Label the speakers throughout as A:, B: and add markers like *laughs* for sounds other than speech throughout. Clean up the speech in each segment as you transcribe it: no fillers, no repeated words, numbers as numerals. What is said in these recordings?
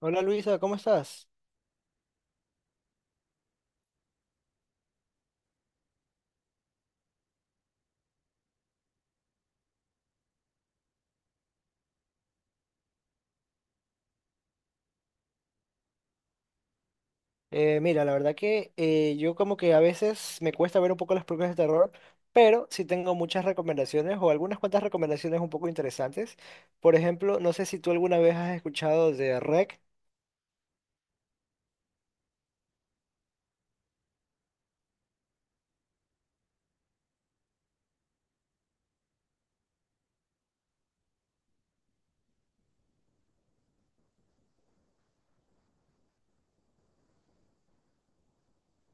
A: Hola Luisa, ¿cómo estás? Mira, la verdad que yo como que a veces me cuesta ver un poco las películas de terror, pero sí tengo muchas recomendaciones o algunas cuantas recomendaciones un poco interesantes. Por ejemplo, no sé si tú alguna vez has escuchado de REC.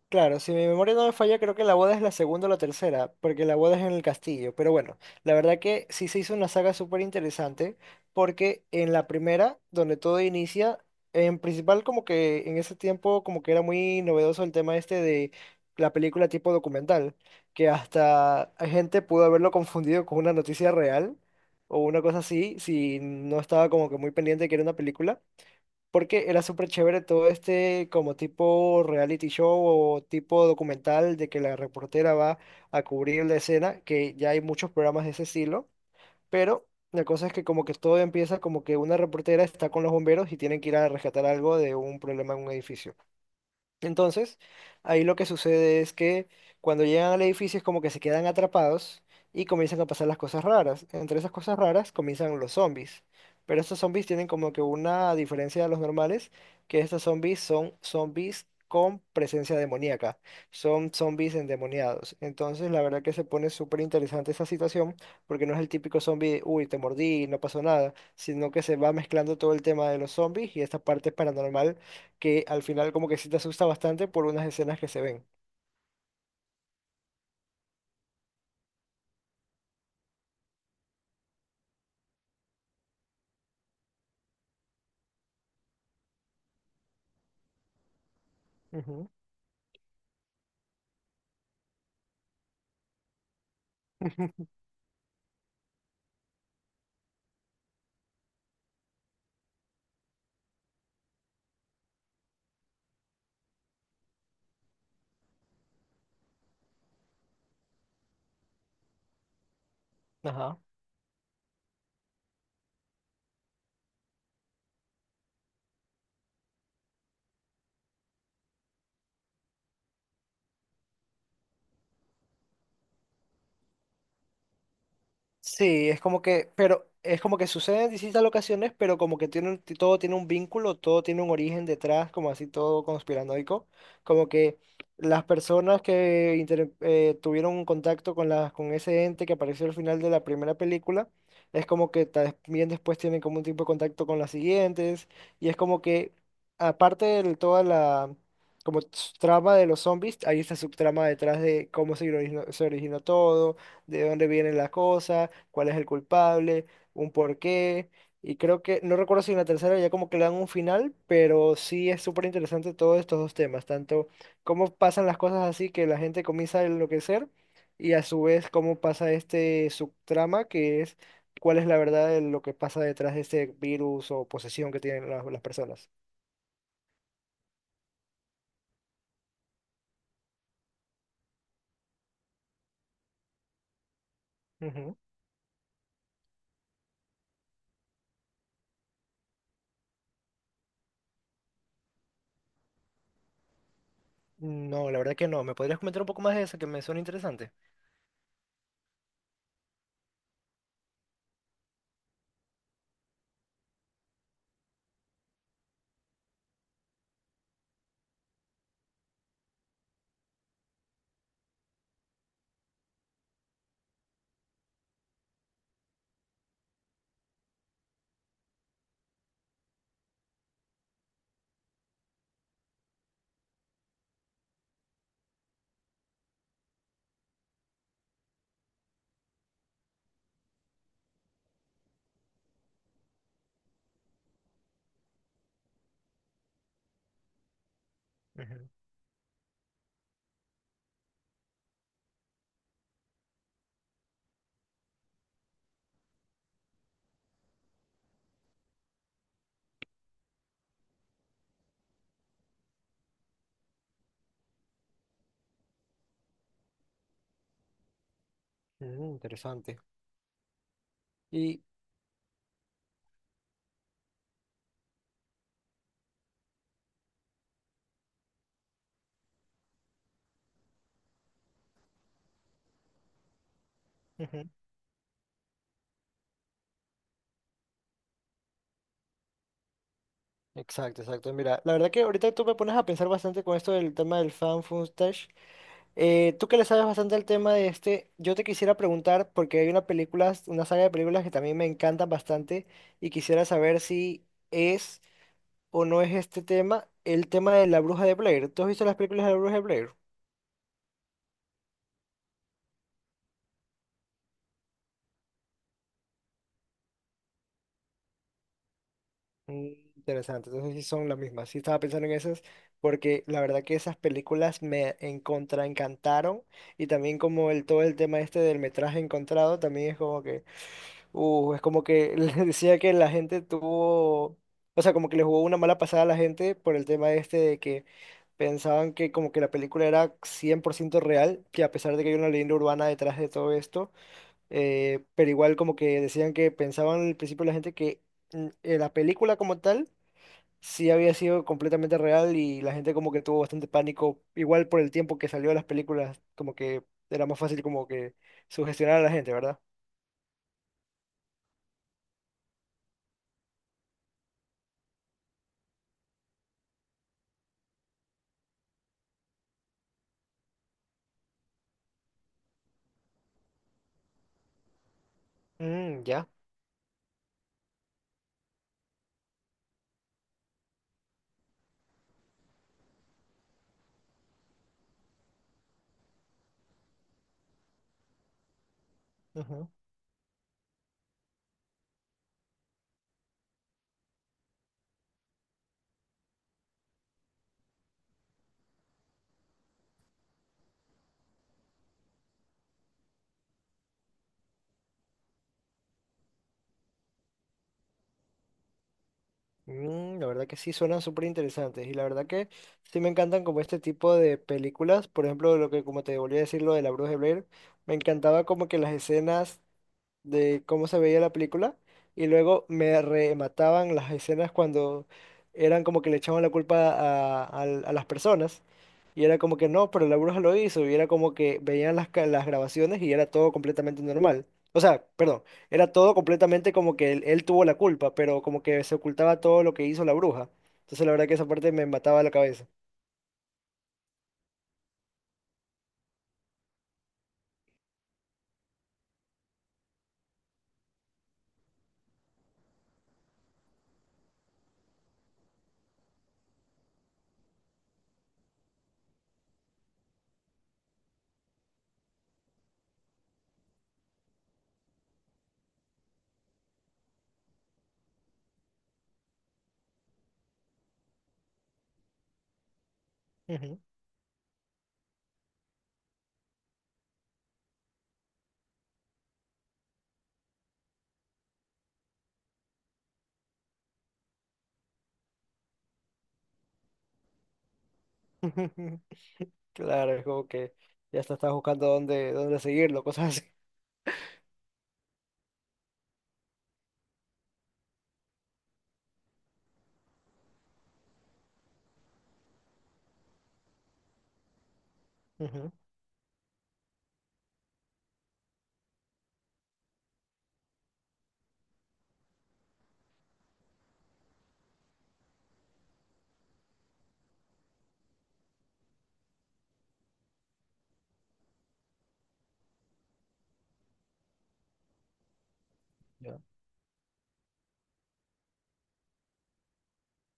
A: Claro, si mi memoria no me falla, creo que la boda es la segunda o la tercera, porque la boda es en el castillo. Pero bueno, la verdad que sí se hizo una saga súper interesante, porque en la primera, donde todo inicia, en principal como que en ese tiempo como que era muy novedoso el tema este de la película tipo documental, que hasta gente pudo haberlo confundido con una noticia real o una cosa así, si no estaba como que muy pendiente de que era una película. Porque era súper chévere todo este como tipo reality show o tipo documental de que la reportera va a cubrir la escena, que ya hay muchos programas de ese estilo, pero la cosa es que como que todo empieza como que una reportera está con los bomberos y tienen que ir a rescatar algo de un problema en un edificio. Entonces, ahí lo que sucede es que cuando llegan al edificio es como que se quedan atrapados y comienzan a pasar las cosas raras. Entre esas cosas raras comienzan los zombies. Pero estos zombies tienen como que una diferencia de los normales, que estos zombies son zombies con presencia demoníaca. Son zombies endemoniados. Entonces, la verdad que se pone súper interesante esa situación, porque no es el típico zombie, uy, te mordí, no pasó nada, sino que se va mezclando todo el tema de los zombies y esta parte paranormal que al final como que sí te asusta bastante por unas escenas que se ven. Ujú. *laughs* Ajá. Sí, es como que, pero es como que sucede en distintas ocasiones, pero como que tiene, todo tiene un vínculo, todo tiene un origen detrás, como así todo conspiranoico, como que las personas que tuvieron un contacto con las con ese ente que apareció al final de la primera película, es como que también después tienen como un tipo de contacto con las siguientes, y es como que aparte de toda la como trama de los zombies, hay esta subtrama detrás de cómo se originó todo, de dónde viene la cosa cuál es el culpable, un porqué. Y creo que, no recuerdo si en la tercera ya como que le dan un final, pero sí es súper interesante todos estos dos temas, tanto cómo pasan las cosas así que la gente comienza a enloquecer y a su vez cómo pasa este subtrama que es cuál es la verdad de lo que pasa detrás de este virus o posesión que tienen las personas. Ujú. No, la verdad que no. ¿Me podrías comentar un poco más de eso que me suena interesante? Ujú. Mm, interesante. Y... ujú. Exacto, exacto. Mira, la verdad que ahorita tú me pones a pensar bastante con esto del tema del fan footage. Tú que le sabes bastante al tema de este, yo te quisiera preguntar, porque hay una película, una saga de películas que también me encantan bastante y quisiera saber si es o no es este tema, el tema de la bruja de Blair. ¿Tú has visto las películas de la bruja de Blair? Mm, interesante, entonces sí son las mismas. Sí estaba pensando en esas, porque la verdad que esas películas me encontra encantaron. Y también como el todo el tema este del metraje encontrado, también es como que *laughs* les decía que la gente tuvo, o sea, como que le jugó una mala pasada a la gente por el tema este de que pensaban que como que la película era 100% real, que a pesar de que hay una leyenda urbana detrás de todo esto, pero igual como que decían que pensaban al principio la gente que la película como tal sí había sido completamente real y la gente como que tuvo bastante pánico, igual por el tiempo que salió las películas, como que era más fácil como que sugestionar a la gente, ¿verdad? Mm, ya. Mm, la verdad que sí, suenan súper interesantes y la verdad que sí me encantan como este tipo de películas, por ejemplo, lo que como te volví a decir, lo de la Bruja de Blair, me encantaba como que las escenas de cómo se veía la película y luego me remataban las escenas cuando eran como que le echaban la culpa a, a las personas y era como que no, pero la bruja lo hizo y era como que veían las, las grabaciones y era todo completamente normal. O sea, perdón, era todo completamente como que él tuvo la culpa, pero como que se ocultaba todo lo que hizo la bruja. Entonces la verdad que esa parte me mataba la cabeza. Ujú. *laughs* Claro, es como que ya hasta estás buscando dónde, dónde seguirlo, cosas así. Ujú.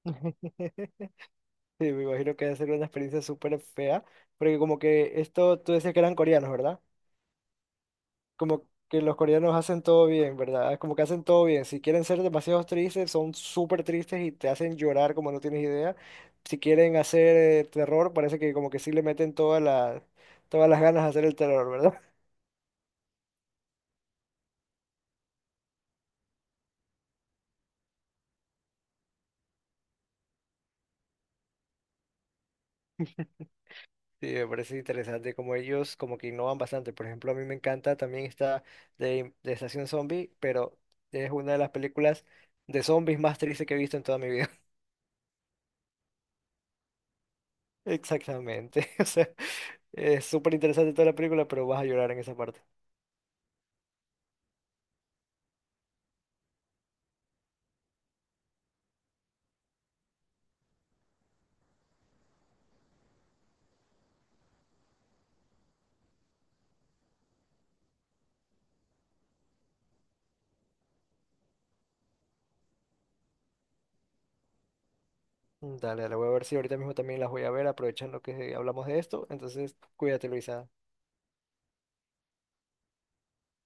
A: *laughs* Sí, me imagino que debe ser una experiencia súper fea, porque como que esto, tú decías que eran coreanos, ¿verdad? Como que los coreanos hacen todo bien, ¿verdad? Es como que hacen todo bien. Si quieren ser demasiado tristes, son súper tristes y te hacen llorar como no tienes idea. Si quieren hacer terror, parece que como que sí le meten todas las ganas a hacer el terror, ¿verdad? *laughs* Sí, me parece interesante como ellos como que innovan bastante. Por ejemplo, a mí me encanta también esta de Estación Zombie, pero es una de las películas de zombies más tristes que he visto en toda mi vida. *laughs* Exactamente. *laughs* O sea, es súper interesante toda la película, pero vas a llorar en esa parte. Mm, dale, dale, voy a ver si ahorita mismo también las voy a ver, aprovechando que hablamos de esto. Entonces, cuídate, Luisa.